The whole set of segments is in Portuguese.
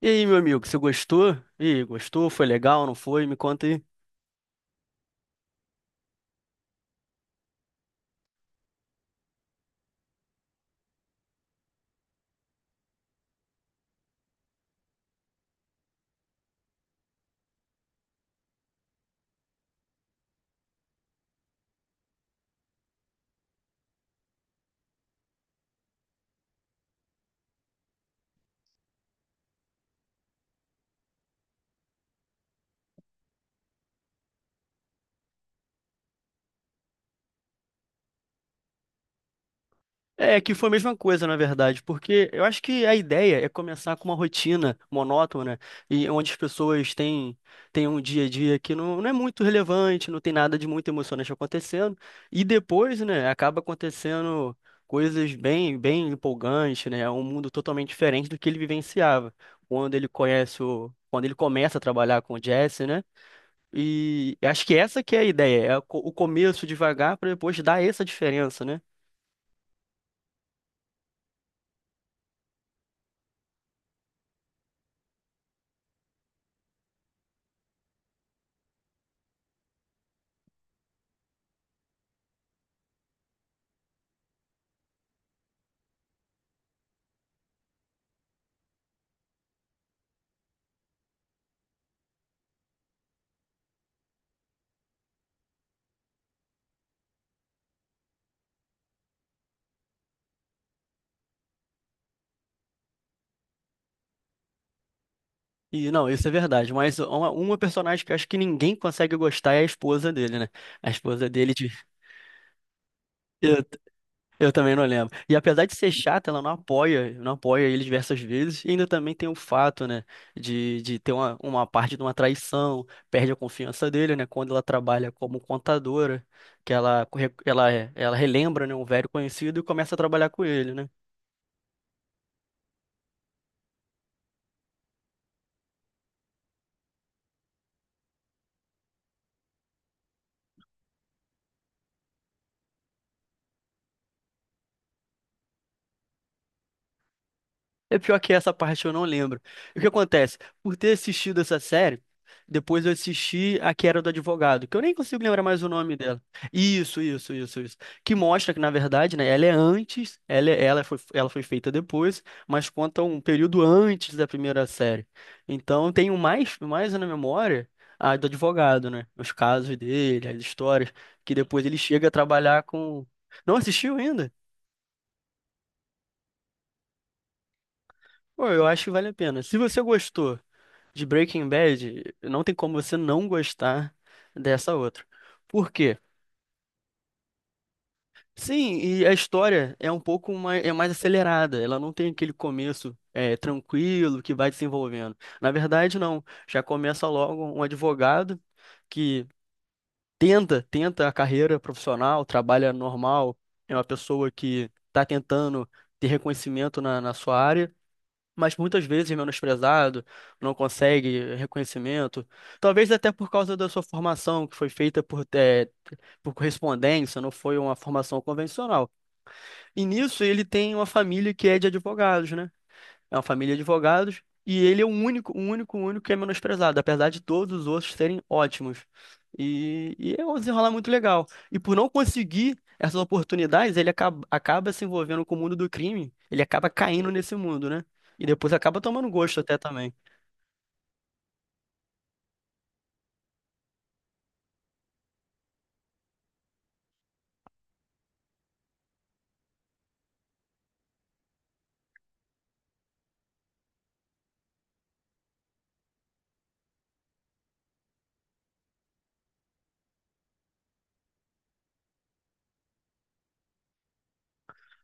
E aí, meu amigo, você gostou? E aí, gostou? Foi legal? Não foi? Me conta aí. É que foi a mesma coisa, na verdade, porque eu acho que a ideia é começar com uma rotina monótona e onde as pessoas têm, têm um dia a dia que não é muito relevante, não tem nada de muito emocionante acontecendo, e depois, né, acaba acontecendo coisas bem, bem empolgantes, né? É um mundo totalmente diferente do que ele vivenciava. Quando ele conhece o, quando ele começa a trabalhar com o Jesse, né? E acho que essa que é a ideia, é o o começo devagar para depois dar essa diferença, né? E não, isso é verdade, mas é uma personagem que eu acho que ninguém consegue gostar é a esposa dele, né? A esposa dele de... eu, eu também não lembro. E apesar de ser chata, ela não apoia ele diversas vezes, e ainda também tem o fato, né, de ter uma parte de uma traição, perde a confiança dele, né, quando ela trabalha como contadora, que ela, ela relembra, né, um velho conhecido e começa a trabalhar com ele, né? É pior que essa parte eu não lembro. E o que acontece? Por ter assistido essa série, depois eu assisti a que era do advogado, que eu nem consigo lembrar mais o nome dela. Isso, isso, isso, isso. Que mostra que, na verdade, né, ela é antes, ela foi feita depois, mas conta um período antes da primeira série. Então eu tenho mais, mais na memória a do advogado, né? Os casos dele, as histórias, que depois ele chega a trabalhar com. Não assistiu ainda? Pô, eu acho que vale a pena. Se você gostou de Breaking Bad, não tem como você não gostar dessa outra. Por quê? Sim, e a história é um pouco mais, é mais acelerada, ela não tem aquele começo tranquilo que vai desenvolvendo. Na verdade, não. Já começa logo um advogado que tenta a carreira profissional, trabalha normal, é uma pessoa que está tentando ter reconhecimento na sua área, mas muitas vezes menosprezado, não consegue reconhecimento. Talvez até por causa da sua formação, que foi feita por, por correspondência, não foi uma formação convencional. E nisso ele tem uma família que é de advogados, né? É uma família de advogados e ele é o único que é menosprezado, apesar de todos os outros serem ótimos. E é um desenrolar muito legal. E por não conseguir essas oportunidades, ele acaba se envolvendo com o mundo do crime. Ele acaba caindo nesse mundo, né? E depois acaba tomando gosto até também.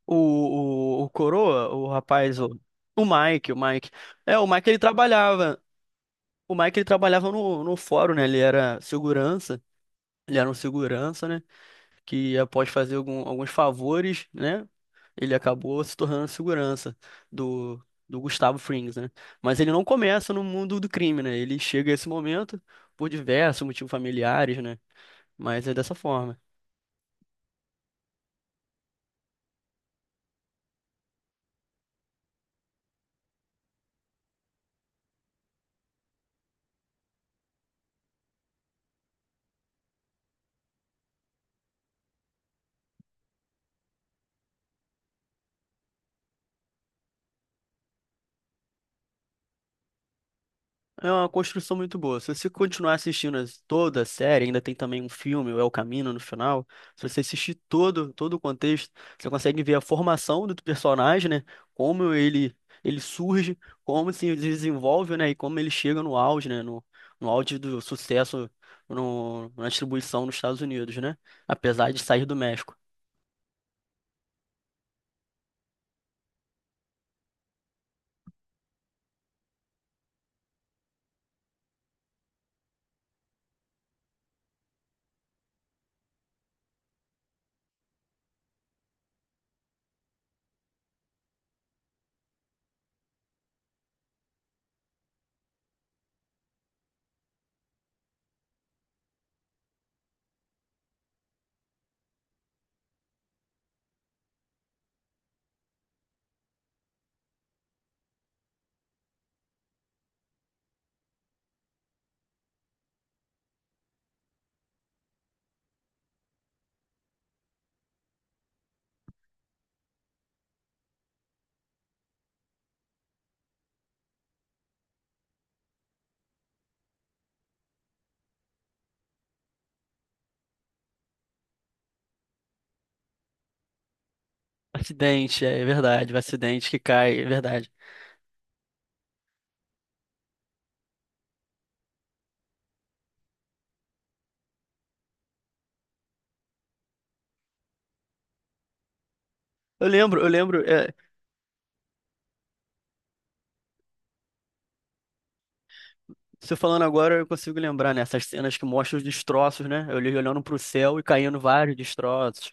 O, o Coroa, o rapaz, o, o Mike. É, o Mike ele trabalhava. O Mike ele trabalhava no, no fórum, né? Ele era segurança. Ele era um segurança, né? Que após fazer alguns favores, né, ele acabou se tornando segurança do, do Gustavo Frings, né? Mas ele não começa no mundo do crime, né? Ele chega a esse momento por diversos motivos familiares, né? Mas é dessa forma. É uma construção muito boa. Se você continuar assistindo toda a série, ainda tem também um filme, o El Camino, no final. Se você assistir todo, todo o contexto, você consegue ver a formação do personagem, né? Como ele surge, como se desenvolve, né? E como ele chega no auge, né? No, no auge do sucesso na distribuição nos Estados Unidos, né? Apesar de sair do México. Acidente, é verdade. O acidente que cai, é verdade. Eu lembro, eu lembro. Você falando agora, eu consigo lembrar, né? Essas cenas que mostram os destroços, né? Eu olhei olhando pro céu e caindo vários destroços.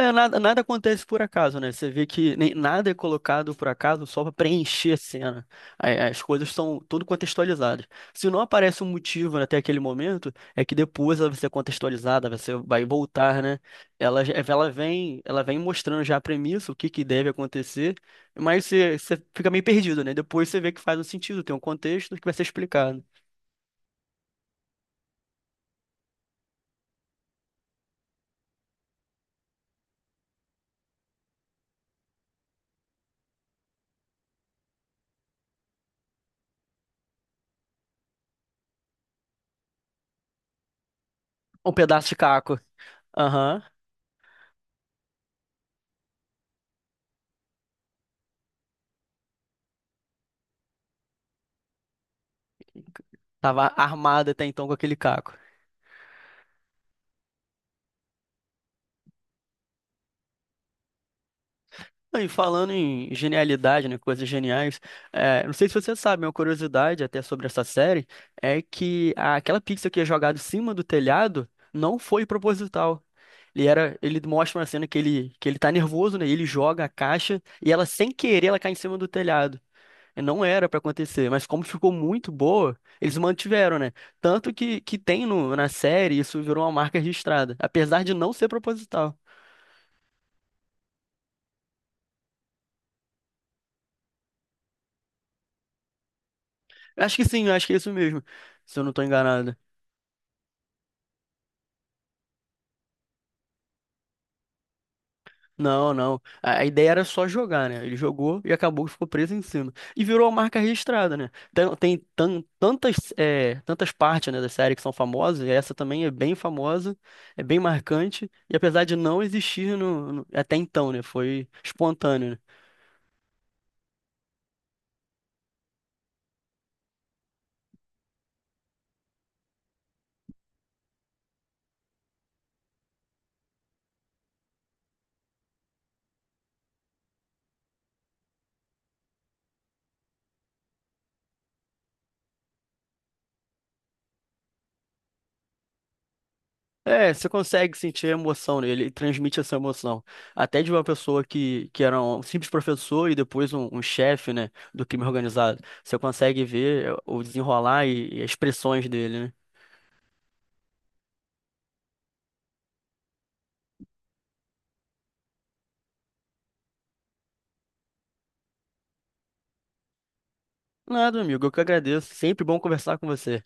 É, nada acontece por acaso, né? Você vê que nem, nada é colocado por acaso só para preencher a cena. As coisas são tudo contextualizadas. Se não aparece um motivo até aquele momento, é que depois ela vai ser contextualizada, você vai voltar, né? Ela vem mostrando já a premissa, o que que deve acontecer, mas você, você fica meio perdido, né? Depois você vê que faz um sentido, tem um contexto que vai ser explicado. Um pedaço de caco. Aham. Tava armado até então com aquele caco. E falando em genialidade, né, coisas geniais, não sei se você sabe, uma curiosidade até sobre essa série é que aquela pizza que é jogada em cima do telhado não foi proposital. Ele mostra uma cena que ele tá nervoso, né? E ele joga a caixa e ela sem querer ela cai em cima do telhado. Não era pra acontecer, mas como ficou muito boa, eles mantiveram, né? Tanto que tem no, na série, isso virou uma marca registrada, apesar de não ser proposital. Eu acho que sim, eu acho que é isso mesmo, se eu não tô enganado. Não, não. A ideia era só jogar, né? Ele jogou e acabou que ficou preso em cima. E virou uma marca registrada, né? Tem, tantas, tantas partes, né, da série que são famosas, e essa também é bem famosa, é bem marcante, e apesar de não existir no, até então, né? Foi espontâneo, né? É, você consegue sentir emoção nele, ele transmite essa emoção. Até de uma pessoa que era um simples professor e depois um, um chefe, né, do crime organizado. Você consegue ver o desenrolar e as expressões dele, né? Nada, amigo, eu que agradeço. Sempre bom conversar com você.